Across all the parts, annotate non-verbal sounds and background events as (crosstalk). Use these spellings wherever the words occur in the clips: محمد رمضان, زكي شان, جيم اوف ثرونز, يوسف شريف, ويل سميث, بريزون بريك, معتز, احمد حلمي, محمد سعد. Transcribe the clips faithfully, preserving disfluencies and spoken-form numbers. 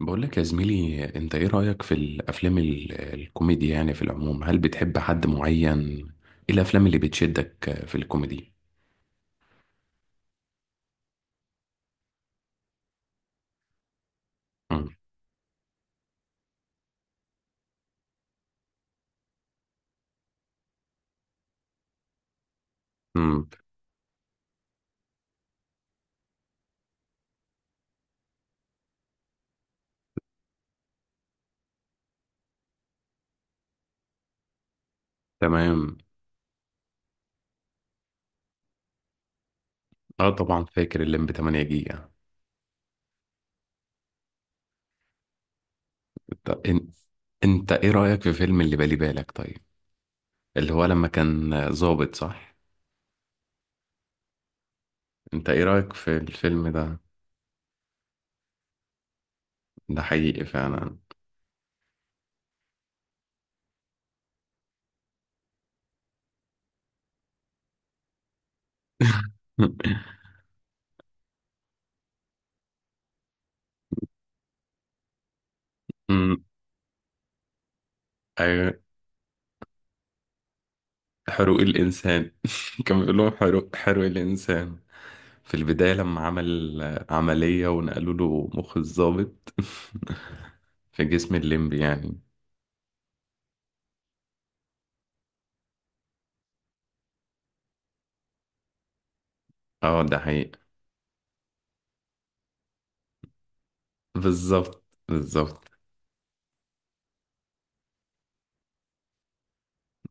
بقول لك يا زميلي، انت ايه رأيك في الافلام ال- الكوميدي؟ يعني في العموم، هل بتحب حد معين؟ ايه الافلام اللي بتشدك في الكوميدي؟ امم امم تمام. اه، طبعا فاكر الليمب 8 جيجا. طب ان... انت ايه رأيك في فيلم اللي بالي بالك؟ طيب، اللي هو لما كان ظابط، صح؟ انت ايه رأيك في الفيلم ده؟ ده حقيقي فعلا. (laughs) امم ايوه. حروق الإنسان. (laughs) كان بيقول لهم حروق حروق الإنسان في البداية لما عمل عملية ونقلوا له مخ الضابط. (laughs) في جسم الليمبي يعني. اه، ده حقيقي. بالظبط بالظبط.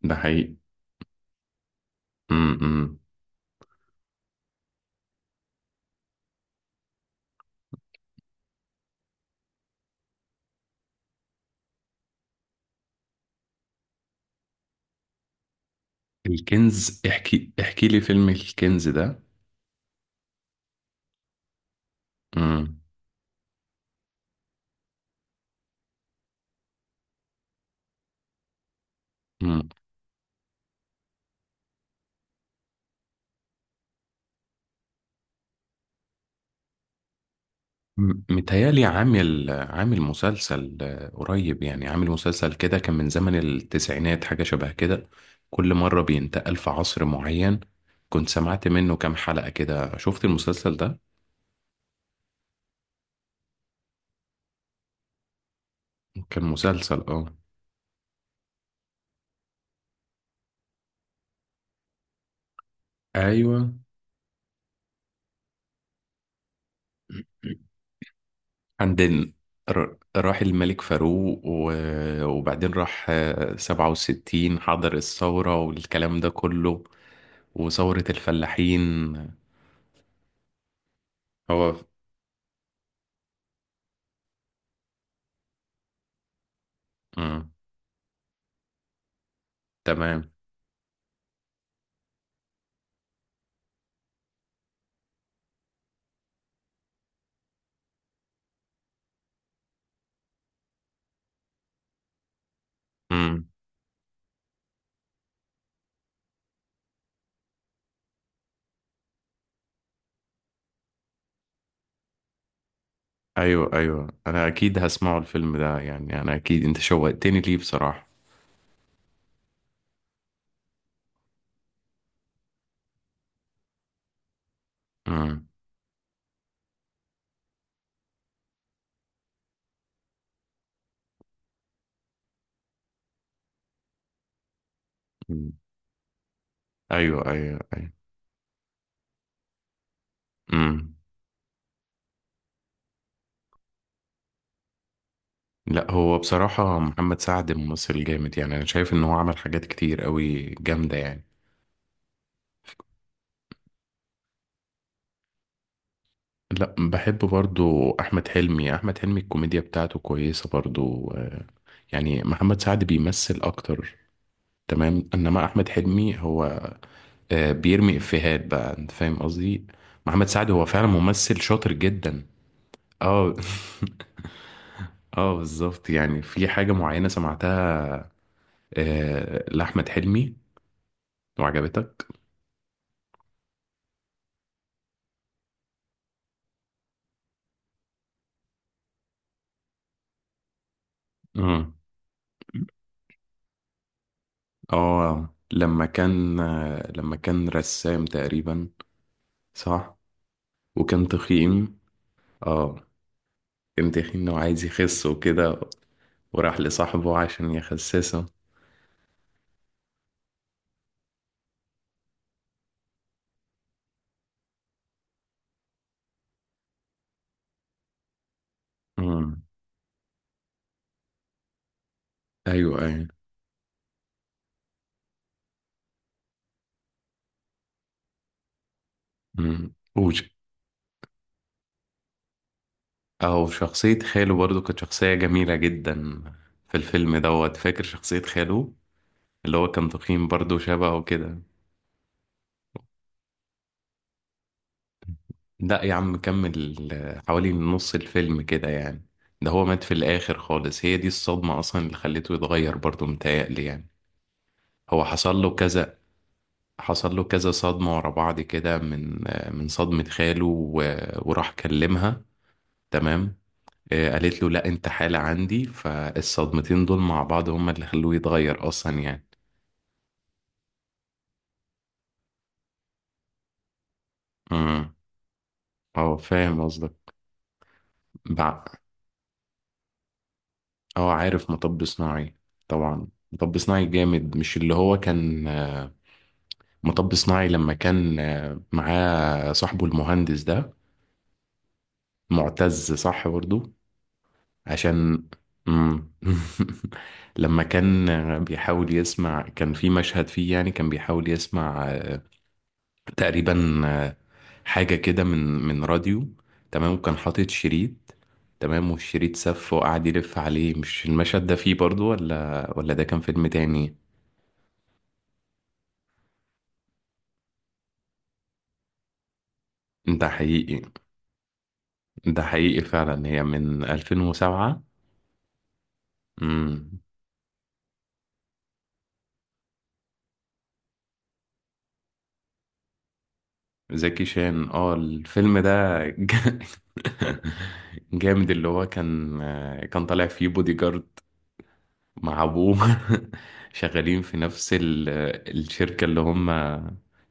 ده حقيقي. م -م. الكنز؟ احكي احكي لي فيلم الكنز ده. م -م. م- متهيألي عامل عامل مسلسل، آه، قريب يعني. عامل مسلسل كده كان من زمن التسعينات، حاجة شبه كده. كل مرة بينتقل في عصر معين. كنت سمعت منه كام حلقة كده، شفت المسلسل ده؟ كان مسلسل، اه. ايوه. عندن ر- راح الملك فاروق و- وبعدين راح، آه، سبعة وستين، حضر الثورة والكلام ده كله، وثورة الفلاحين. هو مم. تمام. ايوه ايوه، انا اكيد هسمعه الفيلم ده يعني. انا اكيد انت شوقتني ليه بصراحة. امم أمم. ايوه ايوه ايوه. امم لا، هو بصراحة محمد سعد ممثل جامد يعني. انا شايف ان هو عمل حاجات كتير قوي جامدة يعني. لا، بحب برضو احمد حلمي. احمد حلمي الكوميديا بتاعته كويسة برضو، آه، يعني محمد سعد بيمثل اكتر. تمام. انما احمد حلمي هو آه، بيرمي افيهات بقى، انت فاهم قصدي. محمد سعد هو فعلا ممثل شاطر جدا. اه. (laughs) اه، بالظبط. يعني في حاجة معينة سمعتها آه، لأحمد حلمي وعجبتك؟ مم. اه، لما كان، آه، لما كان رسام تقريبا؟ صح. وكان تخين. اه، كان تخين وعايز يخس وكده. وراح لصاحبه عشان يخسسه. مم. ايوه ايوه. مم. وش او شخصية خاله برضو كانت شخصية جميلة جدا في الفيلم دوت فاكر شخصية خاله؟ اللي هو كان تخين برضو شبهه كده. لا يا عم، كمل آه، حوالي نص الفيلم كده يعني. ده هو مات في الآخر خالص. هي دي الصدمة أصلا اللي خليته يتغير برضه، متهيألي يعني. هو حصل له كذا، حصل له كذا صدمة ورا بعض كده، من آه، من صدمة خاله و- وراح كلمها. تمام. آه، قالت له لا انت حالة عندي. فالصدمتين دول مع بعض هما اللي خلوه يتغير أصلا يعني. امم اه، فاهم قصدك. بع- اه، عارف مطب صناعي. طبعا مطب صناعي جامد. مش اللي هو كان، آه، مطب صناعي لما كان آه، معاه صاحبه المهندس ده؟ معتز، صح برضه. عشان مم. (laughs) لما كان آه، بيحاول يسمع، كان في مشهد فيه يعني كان بيحاول يسمع، آه، تقريبا، آه، حاجة كده من من راديو. تمام، وكان حاطط شريط. تمام، والشريط سف وقعد يلف عليه. مش المشهد ده فيه برضه؟ ولا ولا ده كان فيلم تاني؟ ده حقيقي. ده حقيقي فعلا. هي من ألفين وسبعة. مم. زكي شان، اه. الفيلم ده ج- (laughs) جامد. اللي هو كان كان طالع فيه بودي جارد مع ابوه. (laughs) شغالين في نفس ال- الشركة اللي هم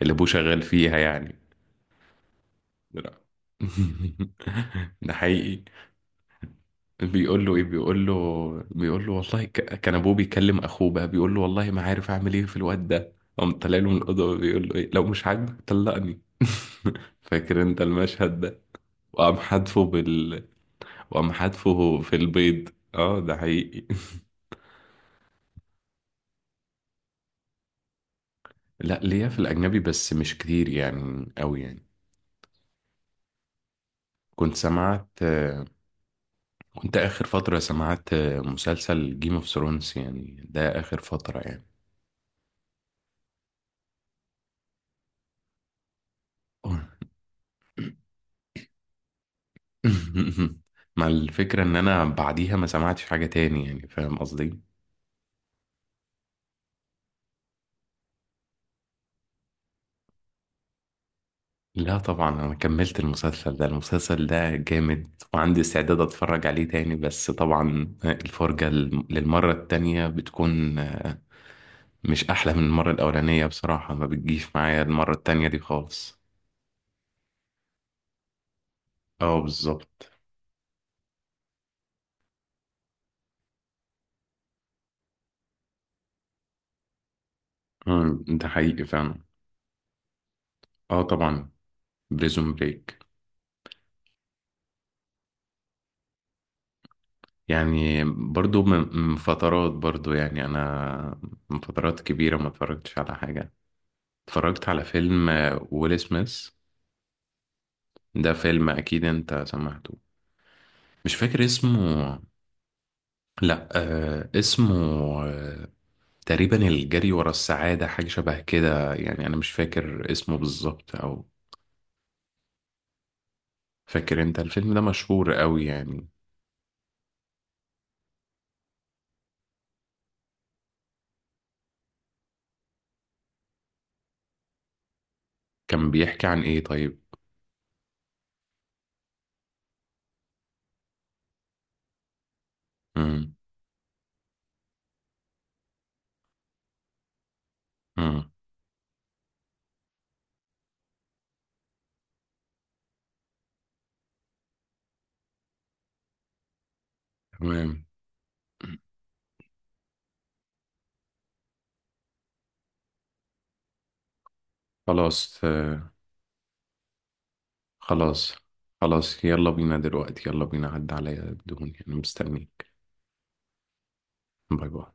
اللي ابوه شغال فيها يعني. لا. (laughs) ده حقيقي. بيقول له ايه؟ بيقول له بيقول له والله، ك- كان ابوه بيكلم اخوه بقى، بيقول له والله ما عارف اعمل ايه في الواد ده. قام طلع له من الاوضه، بيقول له ايه؟ لو مش عاجبك طلقني. (laughs) فاكر انت المشهد ده؟ وقام حدفه بال. وقام حدفه في البيض. اه، ده حقيقي. (laughs) لا، ليا في الأجنبي، بس مش كتير يعني أوي يعني. كنت سمعت، آه، كنت آخر فترة سمعت، آه، مسلسل جيم اوف ثرونز يعني. ده آخر فترة يعني. آه. (laughs) مع الفكرة إن أنا بعديها ما سمعتش حاجة تاني يعني، فاهم قصدي؟ لا، طبعا أنا كملت المسلسل ده. المسلسل ده جامد، وعندي استعداد أتفرج عليه تاني. بس طبعا الفرجة للمرة التانية بتكون مش احلى من المره الاولانيه بصراحه. ما بتجيش معايا المره التانية دي خالص. اه، بالظبط. مم، ده حقيقي فعلا. اه، طبعا. بريزون بريك. يعني برضو من من فترات برضو يعني. انا من فترات كبيره ما اتفرجتش على حاجه. اتفرجت على فيلم، آه، ويل سميث. ده فيلم اكيد انت سمعته. مش فاكر اسمه. لا، آه اسمه، آه، تقريبا الجري ورا السعاده، حاجه شبه كده يعني. انا مش فاكر اسمه بالظبط، او فاكر انت الفيلم ده؟ مشهور قوي يعني. كان بيحكي عن ايه طيب؟ امم امم تمام. خلاص، آه، خلاص خلاص يلا بينا دلوقتي. يلا بينا، عدى عليا الدهون يعني. مستنيك. باي باي.